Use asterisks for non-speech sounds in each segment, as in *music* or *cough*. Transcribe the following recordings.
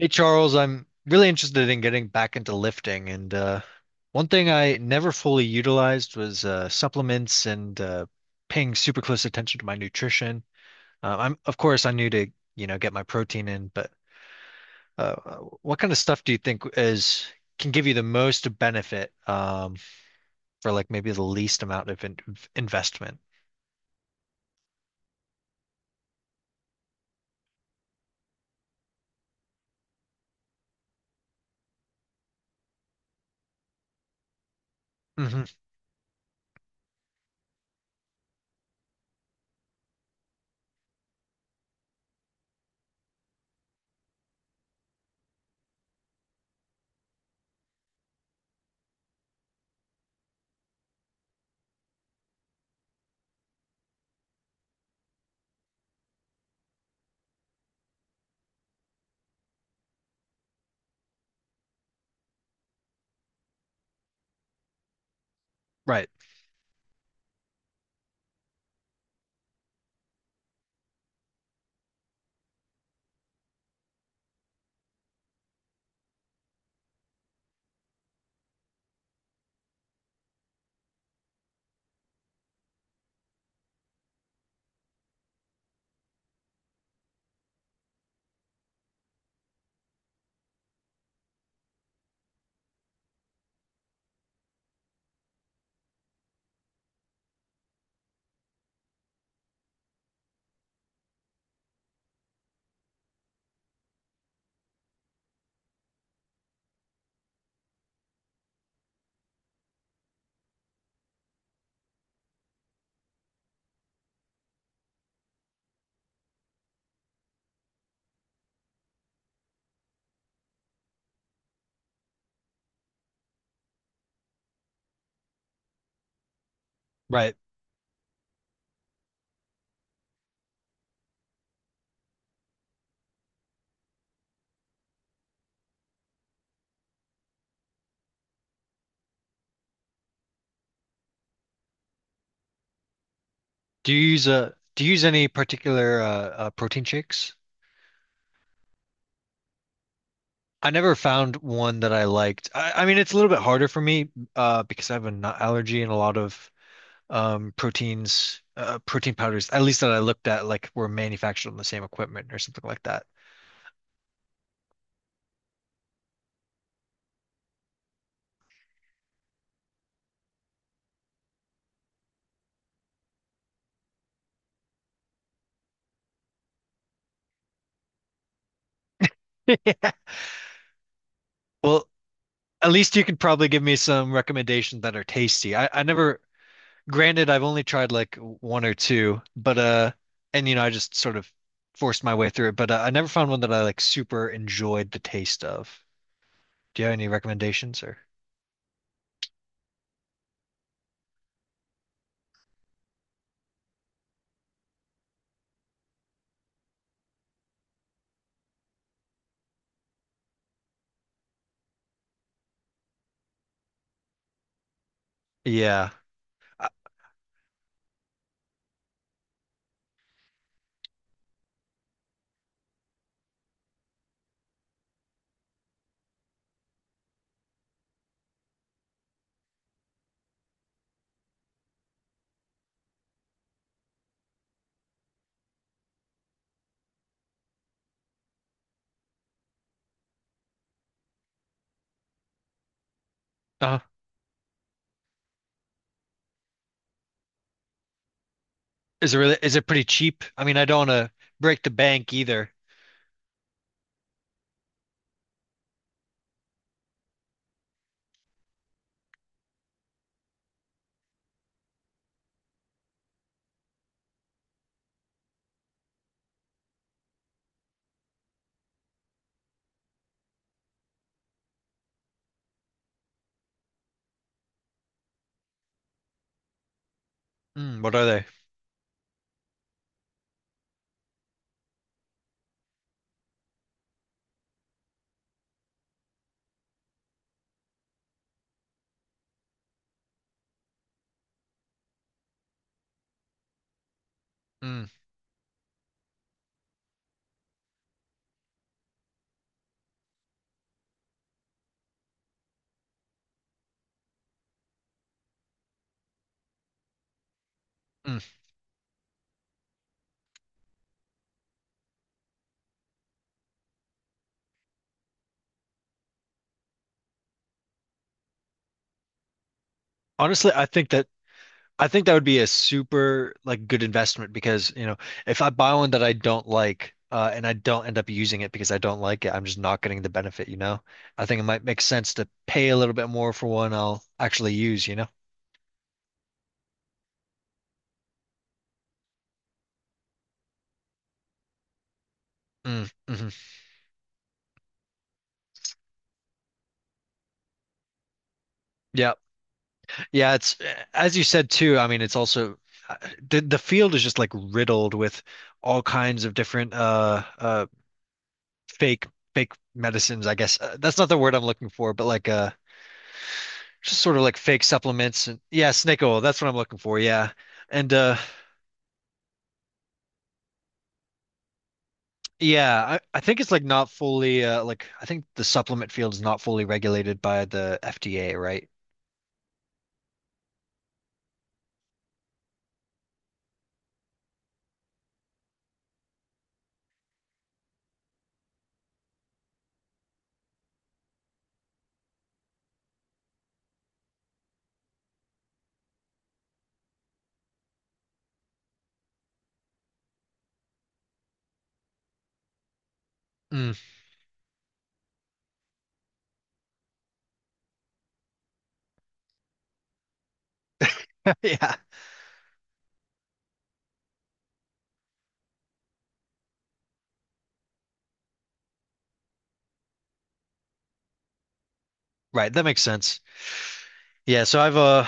Hey Charles, I'm really interested in getting back into lifting, and one thing I never fully utilized was supplements and paying super close attention to my nutrition. I'm, of course, I knew to, get my protein in, but uh, what kind of stuff do you think is can give you the most benefit for like maybe the least amount of in of investment? Hmm. Right, right. Do you use a do you use any particular protein shakes? I never found one that I liked. I mean, it's a little bit harder for me because I have a nut allergy and a lot of protein powders, at least that I looked at, like were manufactured on the same equipment or something like that. *laughs* Well, at least you could probably give me some recommendations that are tasty. I never, granted, I've only tried like one or two, but and I just sort of forced my way through it, but I never found one that I like super enjoyed the taste of. Do you have any recommendations or? Yeah. Uh, Is it really, is it pretty cheap? I mean, I don't want to break the bank either. Mm, what are they? Mm. Mm. Honestly, I think that would be a super like good investment because, you know, if I buy one that I don't like and I don't end up using it because I don't like it, I'm just not getting the benefit, you know? I think it might make sense to pay a little bit more for one I'll actually use, you know? Mm, hmm Yeah. Yeah, it's as you said too, I mean, it's also uh, the field is just like riddled with all kinds of different fake fake medicines, I guess. That's not the word I'm looking for, but like just sort of like fake supplements and yeah, snake oil, that's what I'm looking for. Yeah. And yeah, I think it's like not fully like I think the supplement field is not fully regulated by the FDA, right? Mm. *laughs* Yeah. Right, that makes sense. Yeah, so I've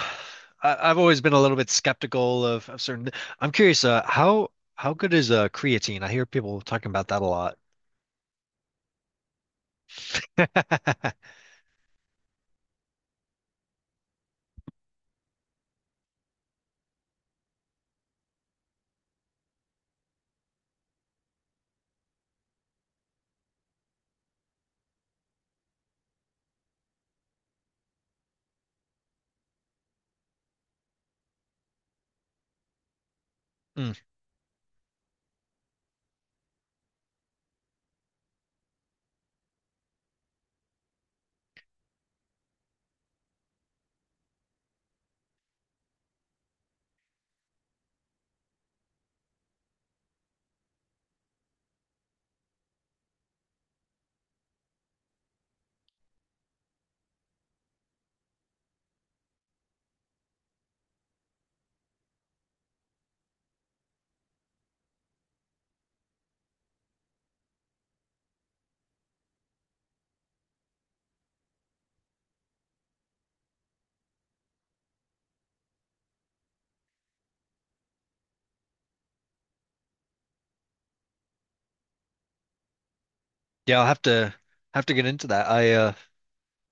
I've always been a little bit skeptical of certain I'm curious how good is creatine? I hear people talking about that a lot. *laughs* Mm. Yeah, I'll have to get into that. I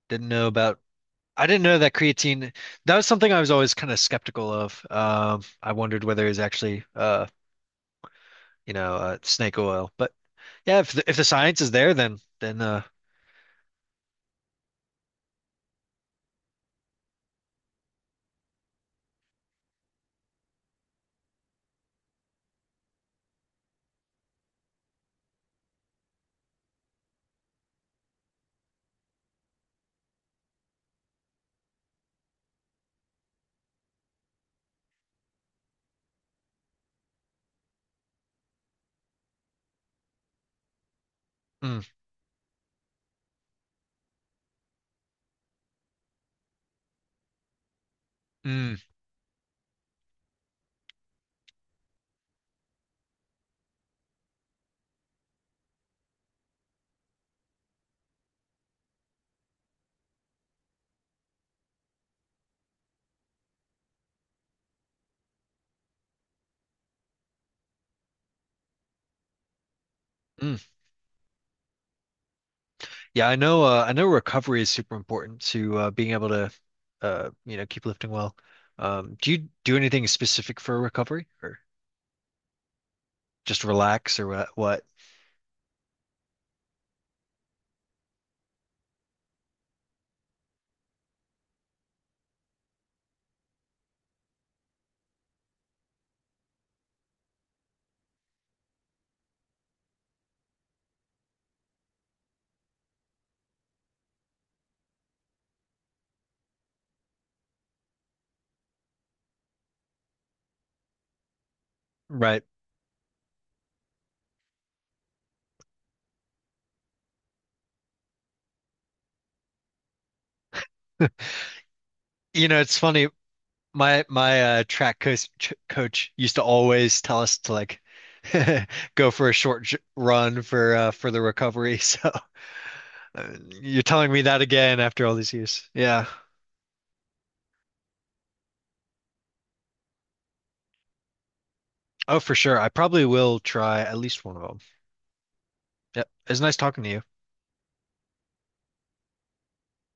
didn't know about I didn't know that creatine that was something I was always kind of skeptical of. I wondered whether it was actually snake oil. But yeah, if the science is there, then mm, mm, mm. Yeah, I know recovery is super important to being able to you know, keep lifting well. Do you do anything specific for recovery or just relax or what? Right. You know, it's funny. My track coach ch coach used to always tell us to like *laughs* go for a short j run for the recovery. *laughs* So uh, you're telling me that again after all these years. Yeah. Oh, for sure. I probably will try at least one of them. Yep. It's nice talking to you.